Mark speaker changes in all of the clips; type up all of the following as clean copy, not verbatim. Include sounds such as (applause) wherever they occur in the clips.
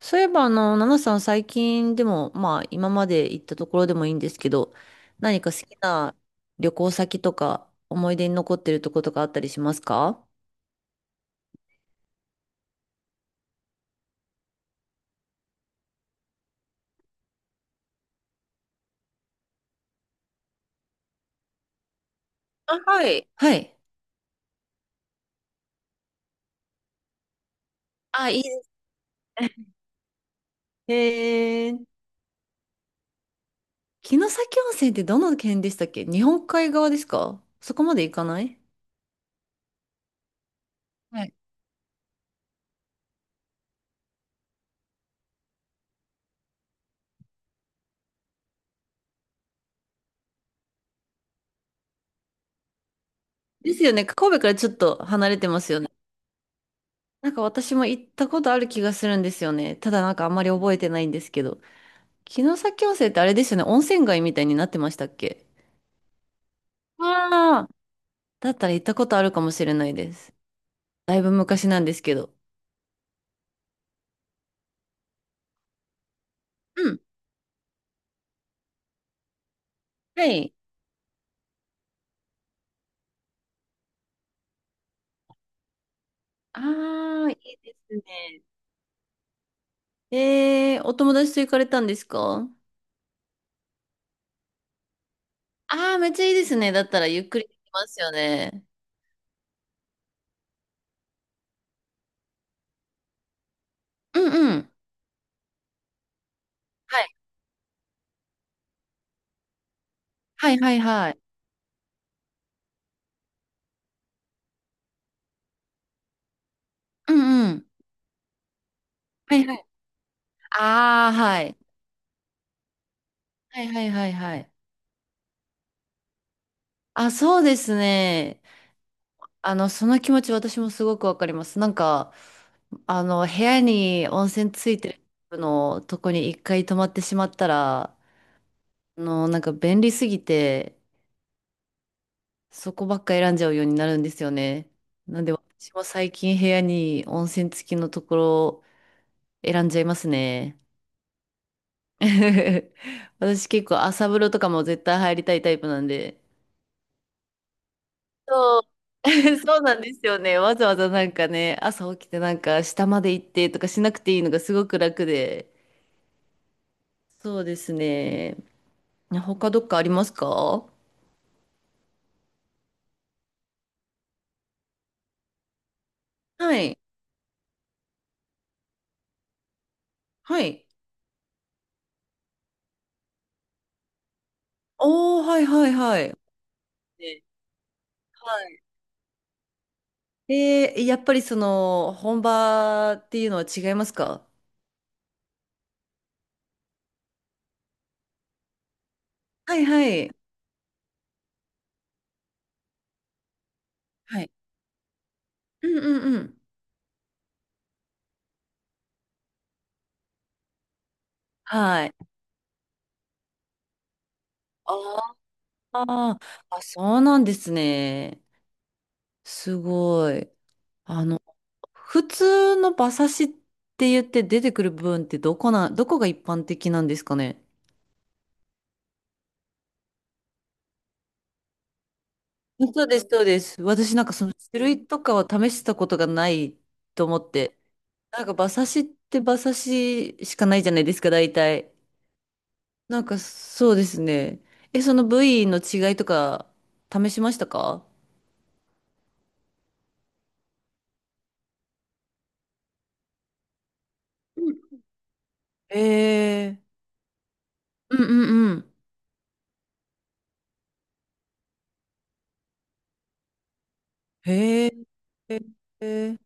Speaker 1: そういえば、ナナさん最近でも、まあ、今まで行ったところでもいいんですけど、何か好きな旅行先とか、思い出に残ってるとことかあったりしますか？あ、はい。はい。あ、いいですね。(laughs) えー、城崎温泉ってどの県でしたっけ？日本海側ですか？そこまで行かない。はい。ですよね。神戸からちょっと離れてますよね。なんか私も行ったことある気がするんですよね。ただなんかあんまり覚えてないんですけど。城崎温泉ってあれですよね。温泉街みたいになってましたっけ？ああ、だったら行ったことあるかもしれないです。だいぶ昔なんですけど。うん。はい。ああ、いいですね。お友達と行かれたんですか？ああー、めっちゃいいですね。だったらゆっくりできますよね。うんうん。はい。はいはいはい。うんうん。はいはい。ああ、はい。はいはいはいはい。あ、そうですね。その気持ち私もすごくわかります。なんか、部屋に温泉ついてるのとこに一回泊まってしまったら、なんか便利すぎて、そこばっか選んじゃうようになるんですよね。なんで私も最近部屋に温泉付きのところを選んじゃいますね。(laughs) 私結構朝風呂とかも絶対入りたいタイプなんで。そう、(laughs) そうなんですよね。わざわざなんかね、朝起きてなんか下まで行ってとかしなくていいのがすごく楽で。そうですね。他どっかありますか？はい。はい。おー、はいはいはい。ね。はい。で、やっぱりその本場っていうのは違いますか？はいはい。はい。うんうんうん。はい。あーあ、そうなんですね。すごい。あの、普通の馬刺しって言って出てくる部分ってどこが一般的なんですかね。そうです、そうです。私なんかその種類とかは試したことがないと思って。なんか馬刺しって馬刺ししかないじゃないですか、大体。なんかそうですね。え、その部位の違いとか試しましたか？うん。えうんうんうん。へえ、へえ、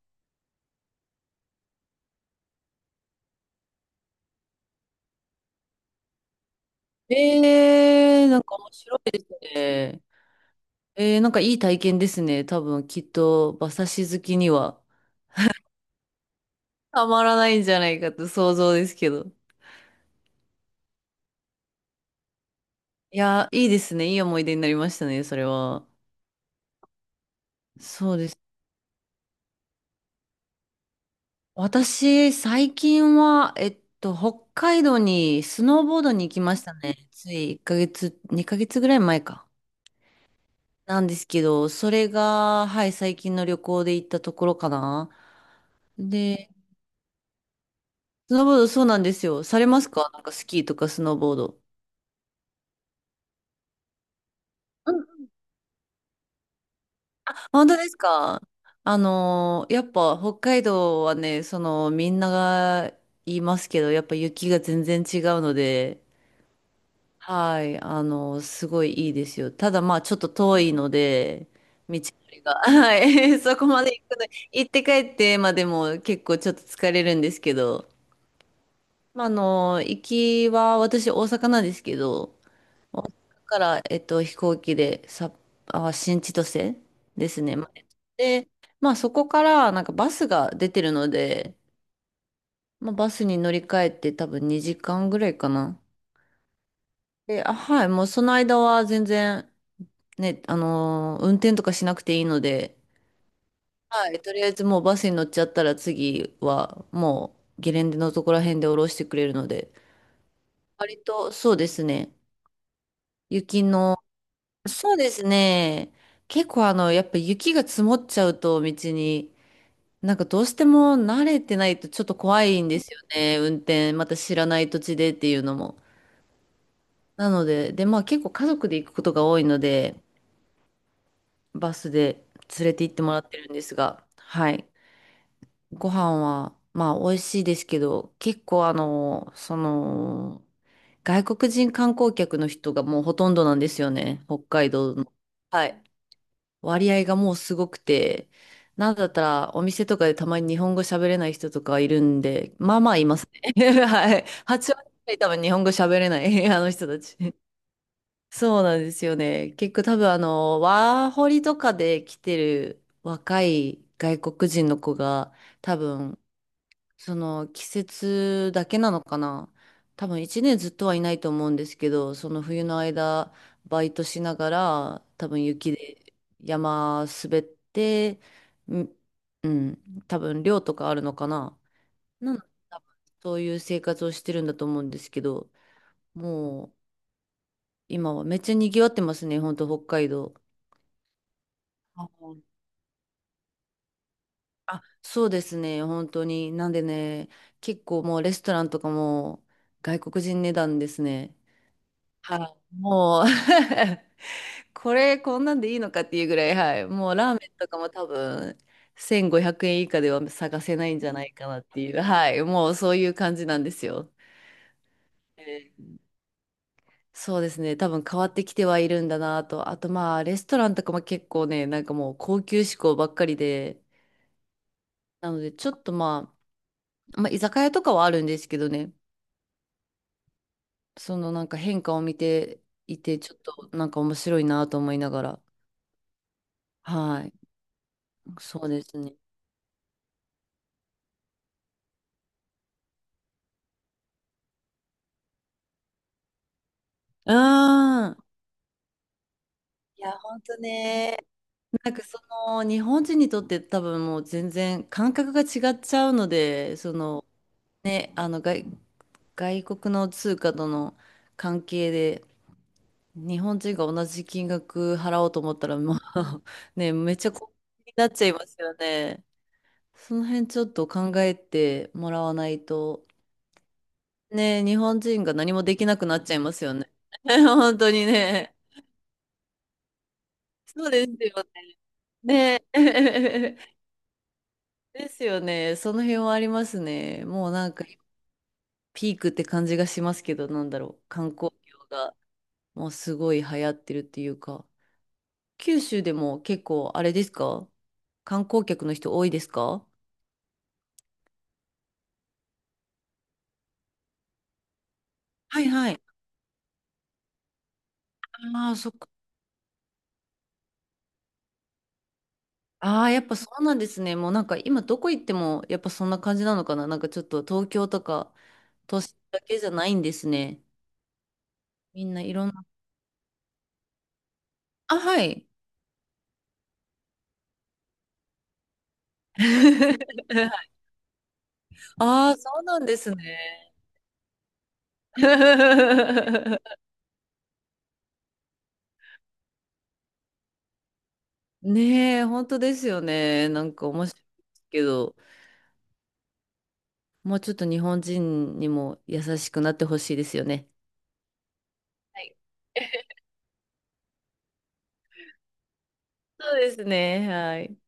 Speaker 1: へーなんか面白いですね。なんかいい体験ですね。多分きっと馬刺し好きにはたまらないんじゃないかと想像ですけど。いやー、いいですね。いい思い出になりましたね、それは。そうです。私、最近は、北海道にスノーボードに行きましたね。つい1ヶ月、2ヶ月ぐらい前か。なんですけど、それが、はい、最近の旅行で行ったところかな。で、スノーボードそうなんですよ。されますか？なんかスキーとかスノーボード。本当ですか？やっぱ北海道はね、そのみんなが言いますけど、やっぱ雪が全然違うので、はい、すごいいいですよ。ただまあちょっと遠いので、道のりが、(laughs) はい、そこまで行くの、行って帰ってまでも結構ちょっと疲れるんですけど、まあ行きは私大阪なんですけど、大阪から、飛行機でさ、あ、新千歳ですね。まで、まあそこからなんかバスが出てるので、まあ、バスに乗り換えて多分2時間ぐらいかな。で、あ、はい、もうその間は全然ね、運転とかしなくていいので、はい、とりあえずもうバスに乗っちゃったら次はもうゲレンデのところら辺で降ろしてくれるので、割とそうですね、雪のそうですね。結構やっぱ雪が積もっちゃうと道に、なんかどうしても慣れてないとちょっと怖いんですよね。運転、また知らない土地でっていうのも。なので、で、まあ結構家族で行くことが多いので、バスで連れて行ってもらってるんですが、はい。ご飯は、まあ美味しいですけど、結構外国人観光客の人がもうほとんどなんですよね。北海道の。はい。割合がもうすごくて、なんだったらお店とかでたまに日本語喋れない人とかいるんで、まあまあいますね。(laughs) はい。8割くらい多分日本語喋れない (laughs) あの人たち。そうなんですよね。結構多分ワーホリとかで来てる若い外国人の子が多分その季節だけなのかな。多分一年ずっとはいないと思うんですけど、その冬の間、バイトしながら、多分雪で山滑って、ん、うん、多分寮とかあるのかな。なので、多分そういう生活をしてるんだと思うんですけど、もう今はめっちゃ賑わってますね、本当北海道。ああ、そうですね、本当に。なんでね、結構もうレストランとかも外国人値段ですね。はい、もう (laughs) これこんなんでいいのかっていうぐらい、はい、もうラーメンとかも多分1500円以下では探せないんじゃないかなっていう、はい、もうそういう感じなんですよ。えーそうですね、多分変わってきてはいるんだなと、あとまあレストランとかも結構ね、なんかもう高級志向ばっかりで、なのでちょっとまあ、居酒屋とかはあるんですけどね、そのなんか変化を見ていて、ちょっとなんか面白いなと思いながら、はい、そうですね。うん。いや、ほんとね。なんかその日本人にとって多分もう全然感覚が違っちゃうのでそのね外国の通貨との関係で日本人が同じ金額払おうと思ったらもう (laughs) ねめっちゃ高額になっちゃいますよね。その辺ちょっと考えてもらわないとね日本人が何もできなくなっちゃいますよね。(laughs) 本当にね。そうですよね。ね。(laughs) ですよね。その辺はありますね。もうなんかピークって感じがしますけど、なんだろう。観光業がもうすごい流行ってるっていうか。九州でも結構あれですか？観光客の人多いですか？はいはい。ああ、そっか。ああ、やっぱそうなんですね。もうなんか今どこ行ってもやっぱそんな感じなのかな。なんかちょっと東京とか都市だけじゃないんですね。みんないろんな。あ、はい。(laughs) ああ、そうなんですね。(laughs) ねえ、本当ですよね。なんか面白いですけど、もうちょっと日本人にも優しくなってほしいですよね。はい。 (laughs) そうですね。はい。